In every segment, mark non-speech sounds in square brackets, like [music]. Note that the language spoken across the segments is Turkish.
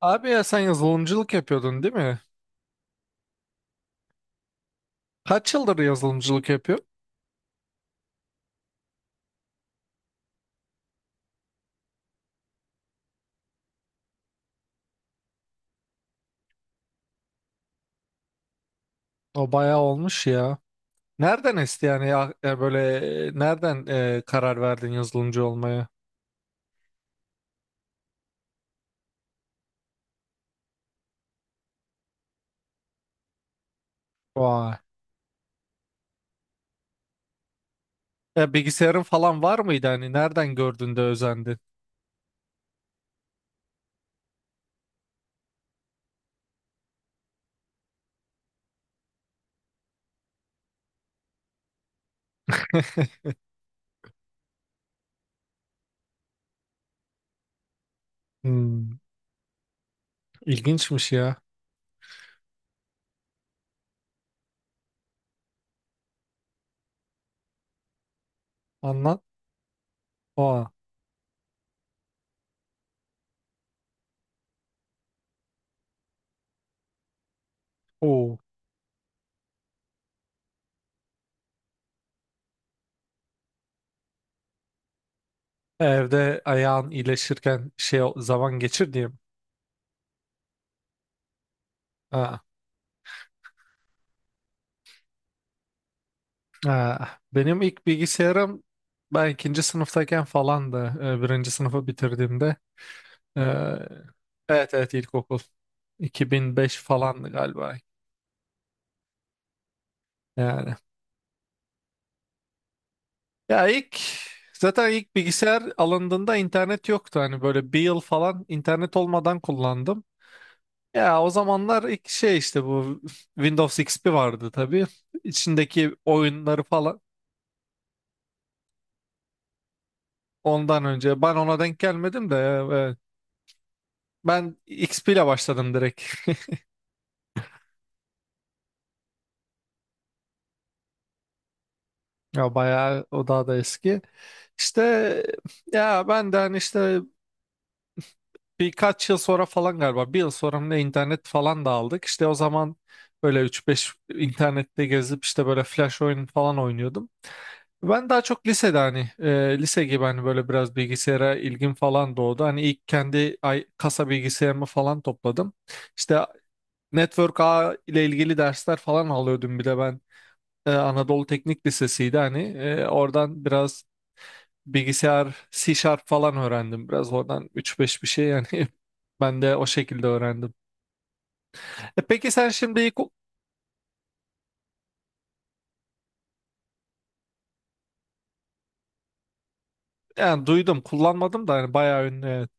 Abi ya sen yazılımcılık yapıyordun, değil mi? Kaç yıldır yazılımcılık yapıyor? O bayağı olmuş ya. Nereden esti yani ya, ya böyle nereden karar verdin yazılımcı olmaya? Vay. Ya bilgisayarın falan var mıydı, hani nereden gördün de özendin? [laughs] Hmm, ilginçmiş ya. Anlat. Aa, oo. Evde ayağın iyileşirken şey zaman geçir diye. Ha. Ha. Benim ilk bilgisayarım ben ikinci sınıftayken falandı. Birinci sınıfı bitirdiğimde. Ee, evet evet ilkokul. 2005 falandı galiba. Yani. Ya ilk, zaten ilk bilgisayar alındığında internet yoktu. Hani böyle bir yıl falan internet olmadan kullandım. Ya o zamanlar ilk şey işte bu Windows XP vardı tabii. İçindeki oyunları falan ondan önce. Ben ona denk gelmedim de ya, evet. Ben XP ile başladım direkt. Ya bayağı o daha da eski. İşte ya ben de hani işte birkaç yıl sonra falan, galiba bir yıl sonra mı ne internet falan da aldık. İşte o zaman böyle üç beş internette gezip işte böyle flash oyun falan oynuyordum. Ben daha çok lisede hani lise gibi hani böyle biraz bilgisayara ilgim falan doğdu. Hani ilk kendi kasa bilgisayarımı falan topladım. İşte network ağ ile ilgili dersler falan alıyordum bir de ben. Anadolu Teknik Lisesi'ydi hani, oradan biraz bilgisayar C Sharp falan öğrendim. Biraz oradan üç beş bir şey yani [laughs] ben de o şekilde öğrendim. Peki sen şimdi yani duydum, kullanmadım da hani bayağı ünlü, evet.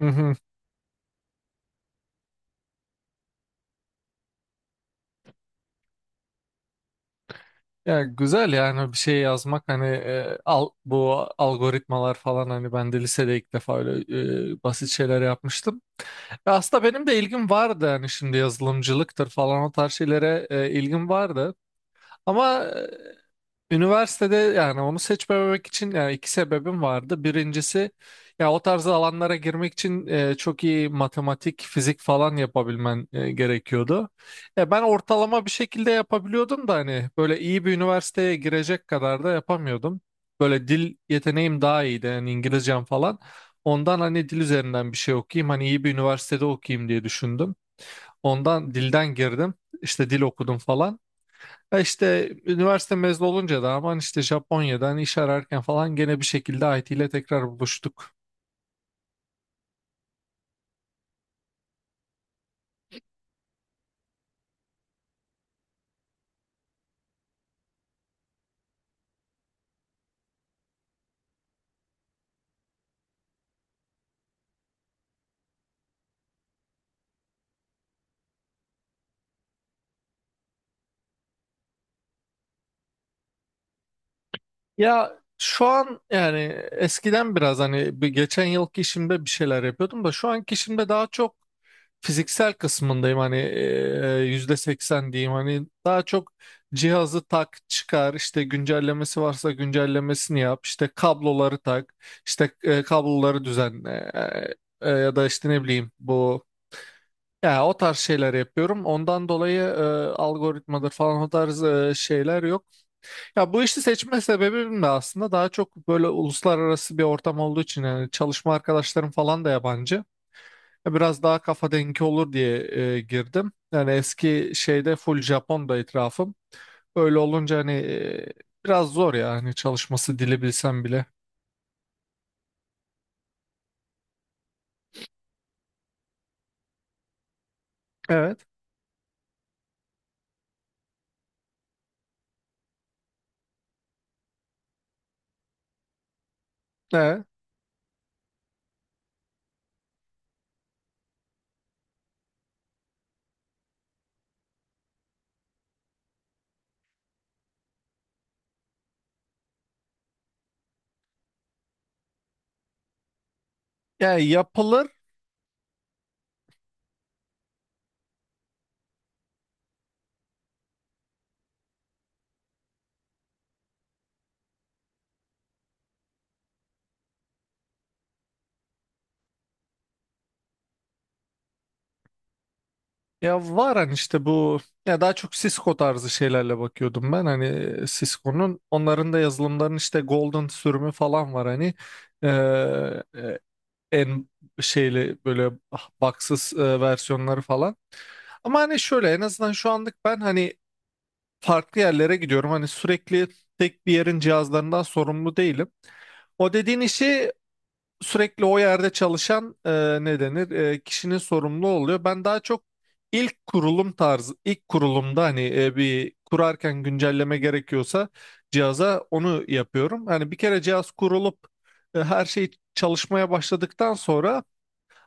Hı hı. Ya güzel yani bir şey yazmak, hani bu algoritmalar falan, hani ben de lisede ilk defa öyle basit şeyler yapmıştım. Ve aslında benim de ilgim vardı yani şimdi yazılımcılıktır falan, o tarz şeylere ilgim vardı. Ama üniversitede yani onu seçmemek için yani iki sebebim vardı. Birincisi ya o tarz alanlara girmek için çok iyi matematik, fizik falan yapabilmen gerekiyordu. Ben ortalama bir şekilde yapabiliyordum da hani böyle iyi bir üniversiteye girecek kadar da yapamıyordum. Böyle dil yeteneğim daha iyiydi yani, İngilizcem falan. Ondan hani dil üzerinden bir şey okuyayım, hani iyi bir üniversitede okuyayım diye düşündüm. Ondan dilden girdim, işte dil okudum falan. Ya işte üniversite mezunu olunca da aman işte Japonya'dan iş ararken falan gene bir şekilde IT ile tekrar buluştuk. Ya şu an yani eskiden biraz hani bir geçen yılki işimde bir şeyler yapıyordum da şu anki işimde daha çok fiziksel kısmındayım, hani %80 diyeyim, hani daha çok cihazı tak çıkar, işte güncellemesi varsa güncellemesini yap, işte kabloları tak, işte kabloları düzenle, ya da işte ne bileyim bu. Ya o tarz şeyler yapıyorum. Ondan dolayı algoritmadır falan, o tarz şeyler yok. Ya bu işi seçme sebebim de aslında daha çok böyle uluslararası bir ortam olduğu için, yani çalışma arkadaşlarım falan da yabancı. Ya biraz daha kafa dengi olur diye girdim. Yani eski şeyde full Japon'da etrafım. Öyle olunca hani biraz zor ya hani, çalışması, dili bilsem bile. Evet. Evet. Yani yapılı Ya var hani işte bu, ya daha çok Cisco tarzı şeylerle bakıyordum ben, hani Cisco'nun, onların da yazılımlarının işte Golden sürümü falan var hani. Ee, e, en şeyli böyle baksız versiyonları falan, ama hani şöyle en azından şu anlık ben hani farklı yerlere gidiyorum hani, sürekli tek bir yerin cihazlarından sorumlu değilim. O dediğin işi sürekli o yerde çalışan ne denir kişinin sorumlu oluyor. Ben daha çok ilk kurulum tarzı, ilk kurulumda hani bir kurarken güncelleme gerekiyorsa cihaza onu yapıyorum. Hani bir kere cihaz kurulup her şey çalışmaya başladıktan sonra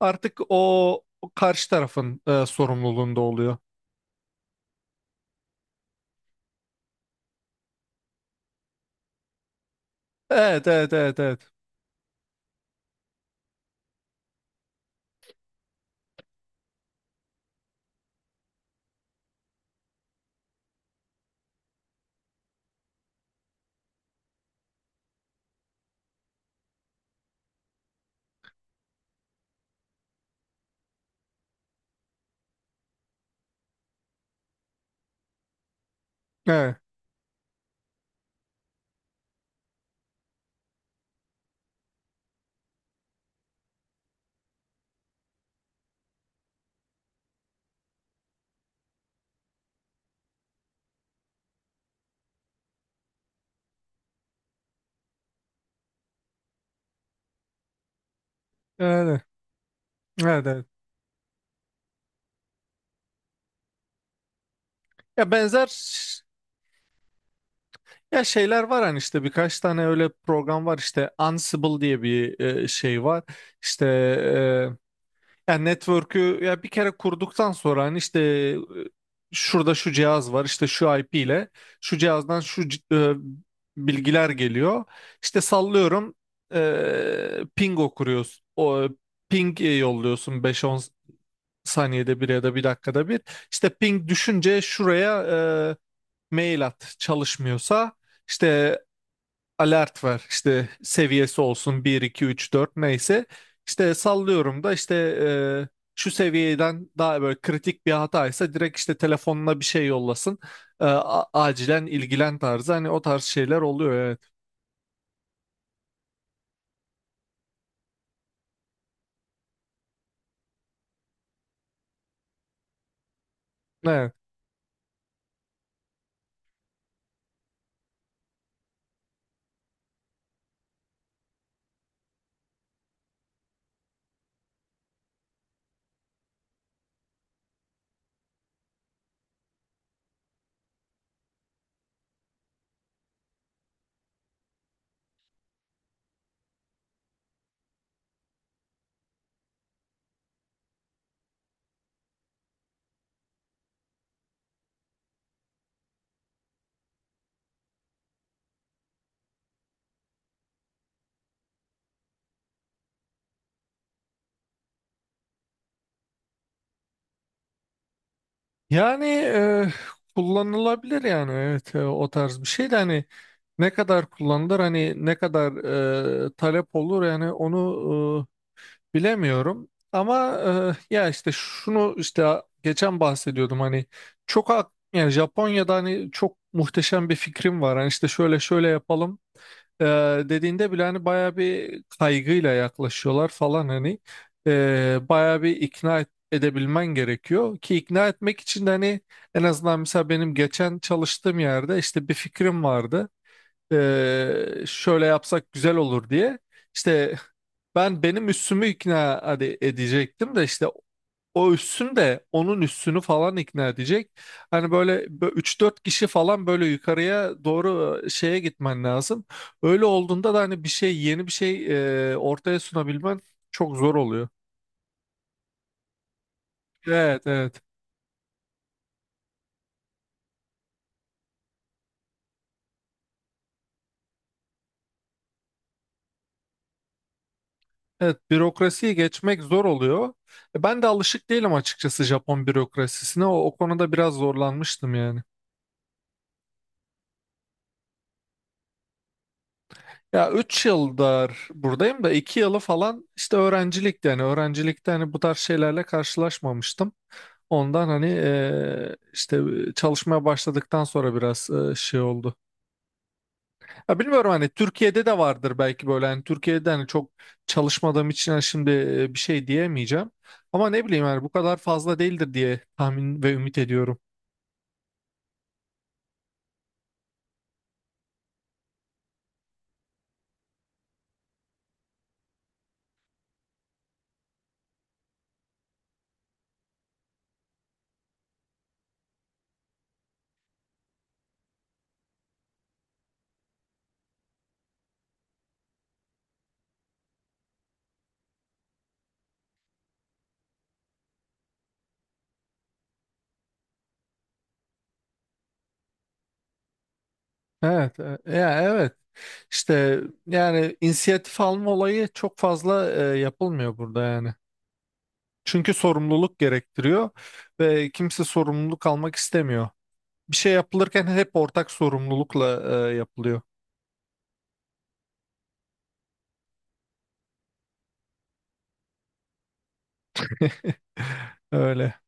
artık o karşı tarafın sorumluluğunda oluyor. Evet, evet, evet, evet. Evet, evet, evet. Evet. Ya benzer Ya şeyler var hani, işte birkaç tane öyle program var, işte Ansible diye bir şey var işte ya network'ü ya bir kere kurduktan sonra hani işte şurada şu cihaz var, işte şu IP ile şu cihazdan bilgiler geliyor, işte sallıyorum, ping okuruyorsun, o ping yolluyorsun beş on saniyede bir ya da bir dakikada bir, işte ping düşünce şuraya e, mail at çalışmıyorsa. İşte alert var. İşte seviyesi olsun bir 2 3 dört, neyse. İşte sallıyorum da işte şu seviyeden daha böyle kritik bir hataysa direkt işte telefonuna bir şey yollasın. Acilen ilgilen tarzı, hani o tarz şeyler oluyor, evet. Evet. Yani kullanılabilir yani, evet, o tarz bir şey de hani ne kadar kullanılır, hani ne kadar talep olur, yani onu bilemiyorum ama ya işte şunu işte geçen bahsediyordum hani, yani Japonya'da hani çok muhteşem bir fikrim var. Hani işte şöyle şöyle yapalım e, dediğinde bile hani baya bir kaygıyla yaklaşıyorlar falan hani, baya bir edebilmen gerekiyor ki, ikna etmek için de hani en azından mesela benim geçen çalıştığım yerde işte bir fikrim vardı. Şöyle yapsak güzel olur diye. İşte ben benim üssümü ikna hadi edecektim de işte, o üssüm de onun üssünü falan ikna edecek. Hani böyle üç dört kişi falan böyle yukarıya doğru şeye gitmen lazım. Öyle olduğunda da hani bir şey, yeni bir şey ortaya sunabilmen çok zor oluyor. Evet, evet. Evet, bürokrasiyi geçmek zor oluyor. Ben de alışık değilim açıkçası Japon bürokrasisine. O konuda biraz zorlanmıştım yani. Ya 3 yıldır buradayım da 2 yılı falan işte öğrencilikti. Yani öğrencilikte hani bu tarz şeylerle karşılaşmamıştım. Ondan hani işte çalışmaya başladıktan sonra biraz şey oldu. Ya bilmiyorum hani Türkiye'de de vardır belki böyle. Hani Türkiye'de hani çok çalışmadığım için hani şimdi bir şey diyemeyeceğim. Ama ne bileyim yani bu kadar fazla değildir diye tahmin ve ümit ediyorum. Evet, ya evet. İşte yani inisiyatif alma olayı çok fazla yapılmıyor burada yani. Çünkü sorumluluk gerektiriyor ve kimse sorumluluk almak istemiyor. Bir şey yapılırken hep ortak sorumlulukla yapılıyor. [laughs] Öyle.